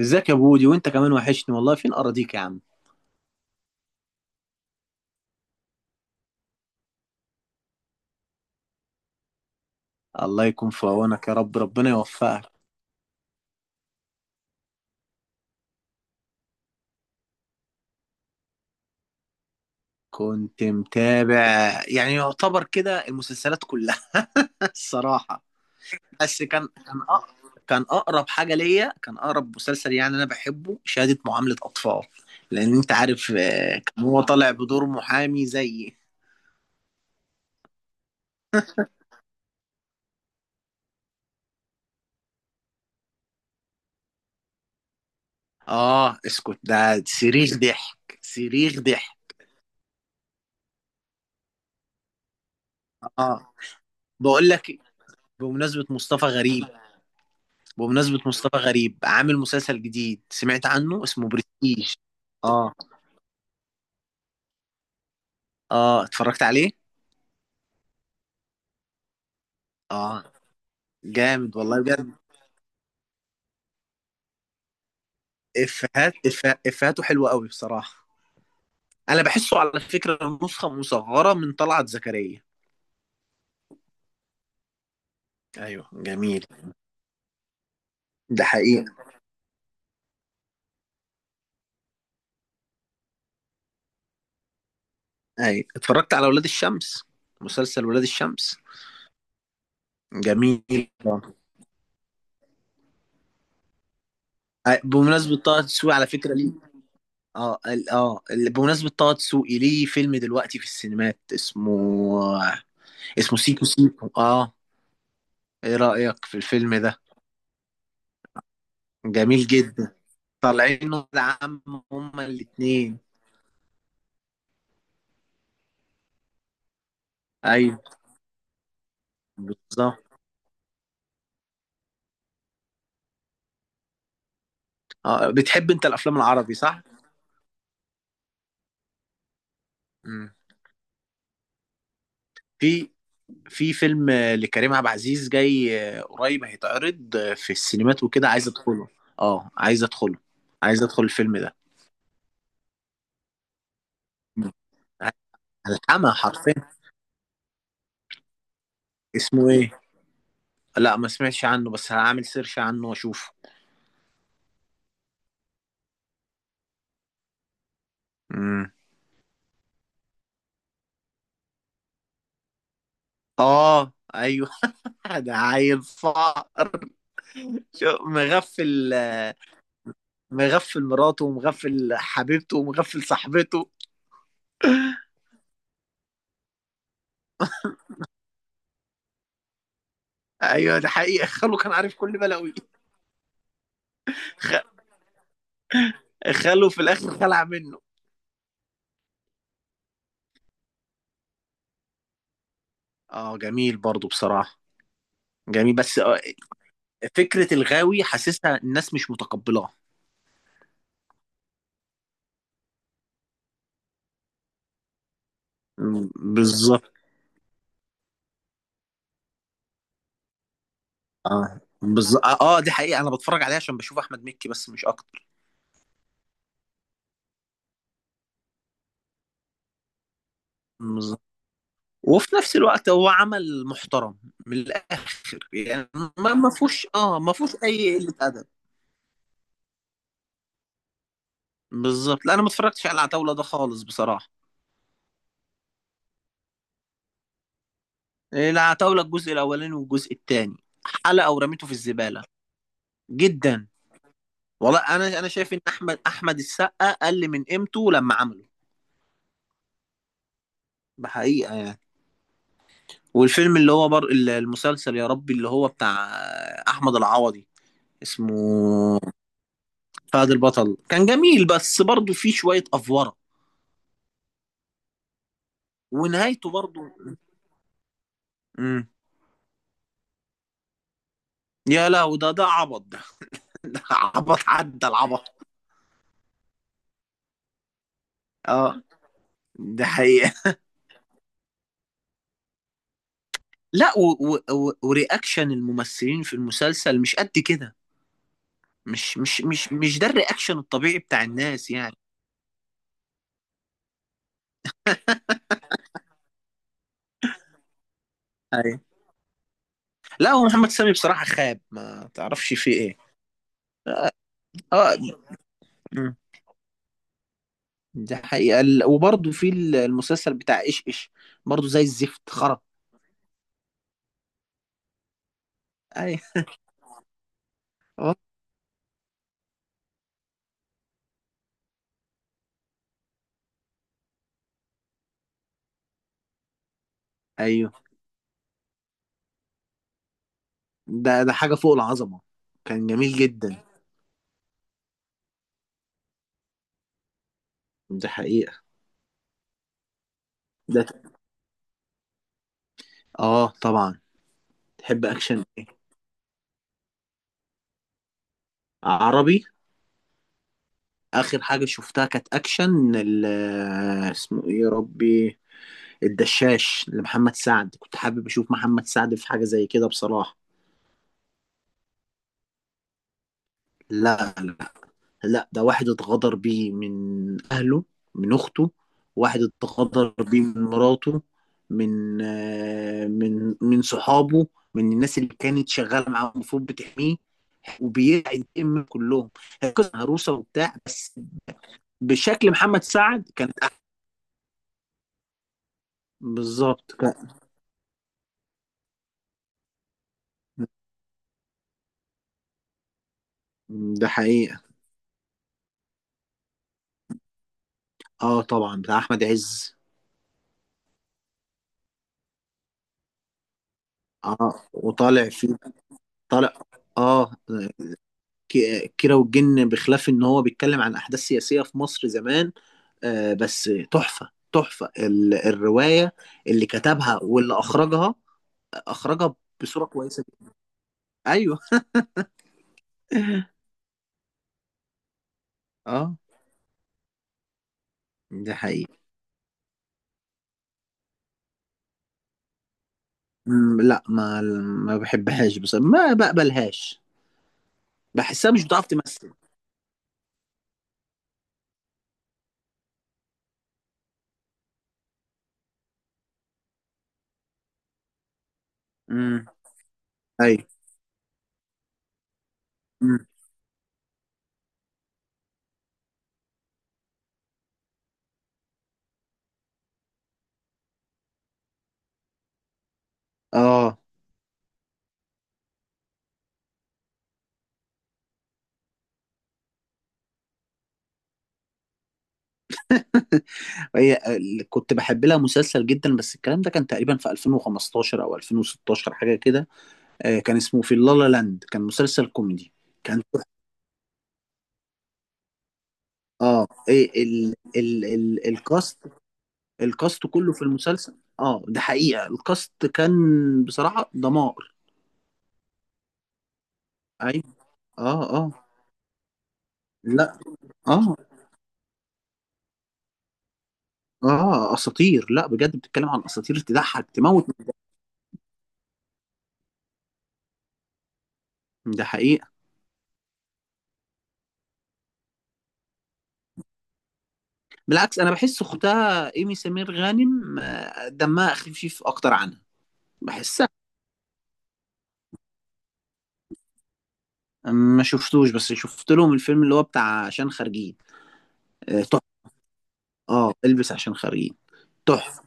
ازيك يا بودي، وانت كمان وحشني والله. فين اراضيك يا عم؟ الله يكون في عونك يا رب، ربنا يوفقك. كنت متابع، يعني يعتبر كده المسلسلات كلها. الصراحة. بس كان أقرب. كان اقرب حاجة ليا، كان اقرب مسلسل يعني انا بحبه شهادة معاملة اطفال. لان انت عارف كان هو طالع بدور محامي زيي. اه اسكت، ده صريخ ضحك صريخ ضحك. اه بقول لك إيه، بمناسبة مصطفى غريب بمناسبة مصطفى غريب عامل مسلسل جديد سمعت عنه اسمه برستيج. اه، اه اتفرجت عليه. اه جامد والله بجد. افهاته حلوة قوي بصراحة. انا بحسه على فكرة نسخة مصغرة من طلعت زكريا. ايوه جميل. ده حقيقة. ايوه اتفرجت على ولاد الشمس، مسلسل ولاد الشمس. جميل. آه. بمناسبة طه دسوقي على فكرة ليه. بمناسبة طه دسوقي ليه فيلم دلوقتي في السينمات اسمه. اسمه سيكو سيكو، اه. ايه رأيك في الفيلم ده؟ جميل جدا. طالعين ولاد عم، هما الاتنين. ايوه بالظبط. بتحب انت الافلام العربي، صح؟ مم. في في فيلم لكريم عبد العزيز جاي، قريب هيتعرض في السينمات وكده، عايز ادخله. اه عايز ادخله. عايز ادخل الفيلم ده. مم. هلحمها حرفيا. اسمه ايه؟ لا ما سمعتش عنه، بس هعمل سيرش عنه واشوفه. مم. اه ايوه. ده عيل فقر. شو مغفل. مغفل مراته ومغفل حبيبته ومغفل صاحبته. ايوه ده حقيقة، خاله كان عارف كل بلاوي. خاله في الاخر خلع منه. اه جميل برضو بصراحة. جميل بس، فكرة الغاوي حاسسها الناس مش متقبلاها. بالظبط. اه بالظبط، دي حقيقة، انا بتفرج عليها عشان بشوف احمد مكي بس مش اكتر. بالظبط. وفي نفس الوقت هو عمل محترم، من الاخر يعني. ما فيهوش اي قلة ادب. بالظبط، لا انا ما اتفرجتش على العتاوله ده خالص بصراحه. العتاوله الجزء الاولاني والجزء الثاني، حلقه ورميته في الزباله. جدا، والله انا شايف ان احمد السقا قل من قيمته لما عمله. بحقيقه يعني. والفيلم اللي هو بر... المسلسل يا ربي اللي هو بتاع احمد العوضي اسمه فهد البطل. كان جميل بس برضه فيه شويه افوره، ونهايته برضه. امم. يا لهوي، ده عبط ده. ده عبط عدى العبط. اه ده حقيقة. لا و... و... و... ورياكشن الممثلين في المسلسل مش قد كده. مش ده الرياكشن الطبيعي بتاع الناس يعني. ايوه. لا هو محمد سامي بصراحة خاب، ما تعرفش فيه ايه. اه. مم. دي حقيقة. وبرضه المسلسل بتاع ايش ايش، برضه زي الزفت خرب. ايوه. آه. ايوه ده حاجة فوق العظمة. كان جميل جدا. دي حقيقة. ده ت- اه طبعا. تحب اكشن ايه؟ عربي. اخر حاجه شفتها كانت اكشن، اسمه ايه يا ربي؟ الدشاش لمحمد سعد، كنت حابب اشوف محمد سعد في حاجه زي كده بصراحه. لا لا لا، ده واحد اتغدر بيه من اهله، من اخته. واحد اتغدر بيه من مراته، من من صحابه. من الناس اللي كانت شغاله معاه المفروض بتحميه، وبينتقم من كلهم. هي قصه هروسه وبتاع بس. بشكل محمد سعد كانت احسن. بالظبط. ده حقيقة. اه طبعا، بتاع احمد عز. اه وطالع فيه. طالع. اه. كيرة والجن، بخلاف ان هو بيتكلم عن احداث سياسية في مصر زمان، آه، بس تحفة تحفة الرواية، اللي كتبها واللي اخرجها. اخرجها بصورة كويسة جدا. ايوه. اه ده حقيقي. لا ما بحبهاش بس ما بقبلهاش. بحسها مش بتعرف تمثل. امم. ايوه. مم. اه. هي اللي كنت بحب لها مسلسل جدا، بس الكلام ده كان تقريبا في 2015 او 2016 حاجه كده. كان اسمه في اللالا لاند، كان مسلسل كوميدي. كان، اه إيه ال الكاست؟ الكاست كله في المسلسل، ده حقيقه الكاست كان بصراحه دمار. ايوه. اه اه. لا اه اه اساطير، لا بجد بتتكلم عن اساطير تضحك تموت. ده حقيقه. بالعكس انا بحس اختها ايمي سمير غانم دمها خفيف اكتر عنها. بحس. ما شفتوش، بس شفت لهم الفيلم اللي هو بتاع عشان خارجين. تحفة. اه البس عشان خارجين، تحفة.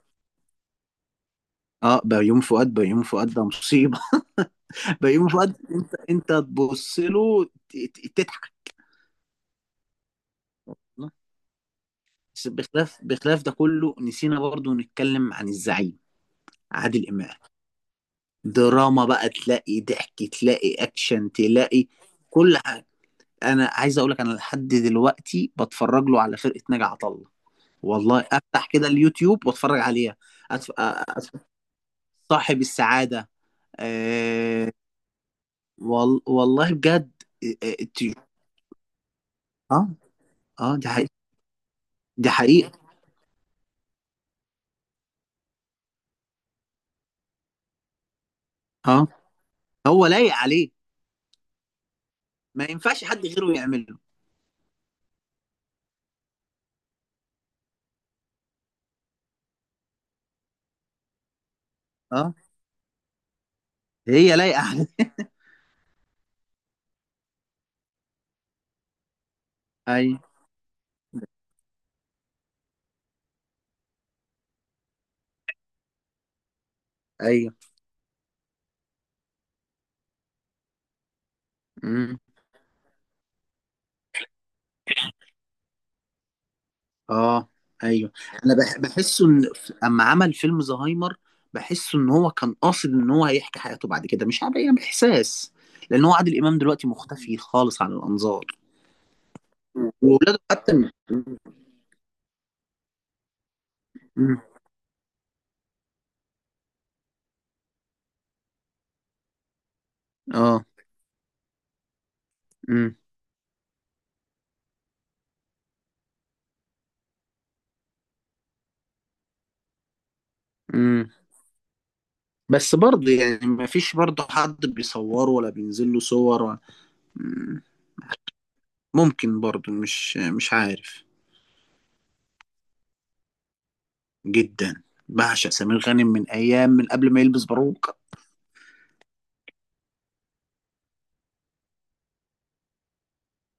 اه بيومي فؤاد، بيومي فؤاد ده مصيبة. بيومي فؤاد انت تبص له تضحك. بس بخلاف ده كله، نسينا برضو نتكلم عن الزعيم عادل إمام. دراما بقى، تلاقي ضحك تلاقي اكشن تلاقي كل حاجة. انا عايز اقول لك انا لحد دلوقتي بتفرج له على فرقة ناجي عطا الله. والله افتح كده اليوتيوب واتفرج عليها. أتف... أ- صاحب السعادة، آه والله بجد. آه آه ت- آه، دي حقيقة. دي حقيقة. اه هو لايق عليه. ما ينفعش حد غيره يعمله. اه هي لايقة عليه. ايوه. ايوه. امم. اه ايوه. انا بحسه ان، اما عمل فيلم زهايمر، بحسه ان هو كان قاصد ان هو هيحكي حياته بعد كده، مش عارف يعني احساس. لان هو عادل امام دلوقتي مختفي خالص عن الانظار. واولاده حتى. م- اه امم بس برضه يعني ما فيش برضه حد بيصوره ولا بينزل له صور مم، ممكن برضه مش عارف. جدا. بعشق سمير غانم من ايام، من قبل ما يلبس باروكة.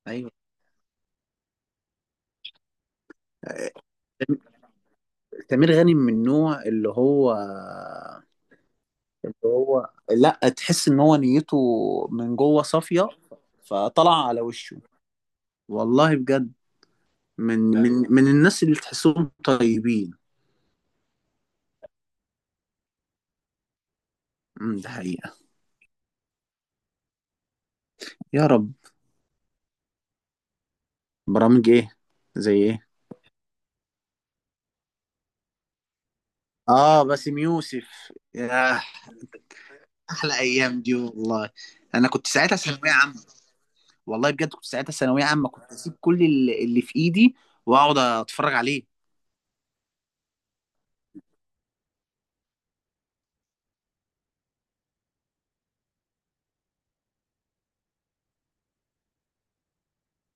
ايوه. سمير غانم من النوع اللي هو، اللي هو لا تحس ان هو نيته من جوه صافية فطلع على وشه. والله بجد. من الناس اللي تحسهم طيبين. مم، ده حقيقة. يا رب. برامج ايه؟ زي ايه؟ اه باسم يوسف، ياه احلى ايام دي والله. انا كنت ساعتها ثانويه عامه. والله بجد كنت ساعتها ثانويه عامه، كنت اسيب كل اللي في ايدي واقعد اتفرج عليه.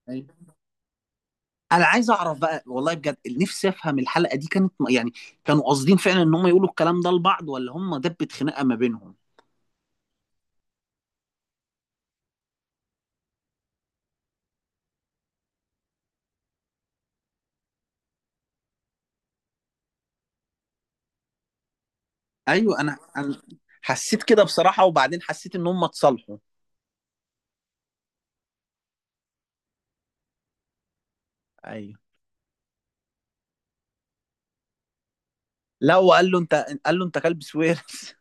أيوة. انا عايز اعرف بقى، والله بجد نفسي افهم، الحلقه دي كانت يعني كانوا قاصدين فعلا ان هم يقولوا الكلام ده لبعض، ولا هم دبت خناقه ما بينهم؟ ايوه. انا حسيت كده بصراحه، وبعدين حسيت ان هم اتصالحوا. ايوه. لا، وقال له انت، قال له انت كلب سويرس.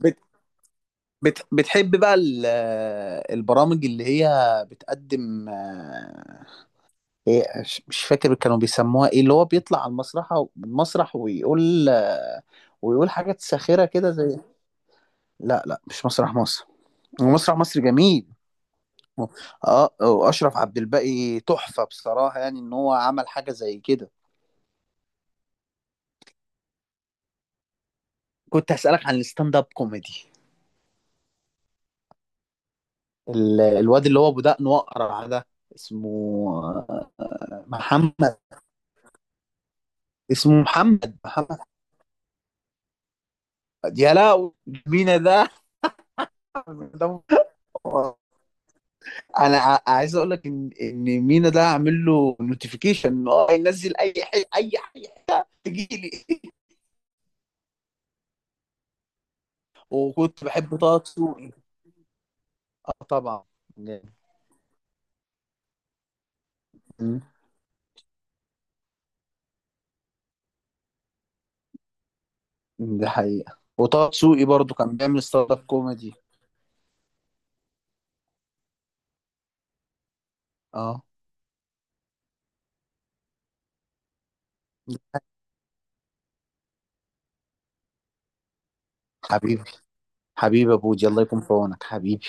بتحب بقى البرامج اللي هي بتقدم، ايه، مش فاكر كانوا بيسموها ايه، اللي هو بيطلع على المسرح ويقول ويقول حاجات ساخرة كده، زي. لا لا، مش مسرح مصر، هو مسرح مصر جميل. اه واشرف عبد الباقي تحفة بصراحة، يعني ان هو عمل حاجة زي كده. كنت هسألك عن الستاند اب كوميدي. الواد اللي هو ابو دقن واقرع ده، اسمه، آه، محمد. اسمه محمد، يا لا. مينا ده. ده- انا عايز اقول لك ان مينا ده عامل له نوتيفيكيشن ان هو ينزل اي حاجه، اي حاجه تجي لي. وكنت بحب طه دسوقي. اه طبعا. جامد. مم. ده حقيقه، وطه دسوقي برضه كان بيعمل ستارت اب كوميدي. اه حبيبي، حبيبي يا بودي، الله يكون في عونك حبيبي.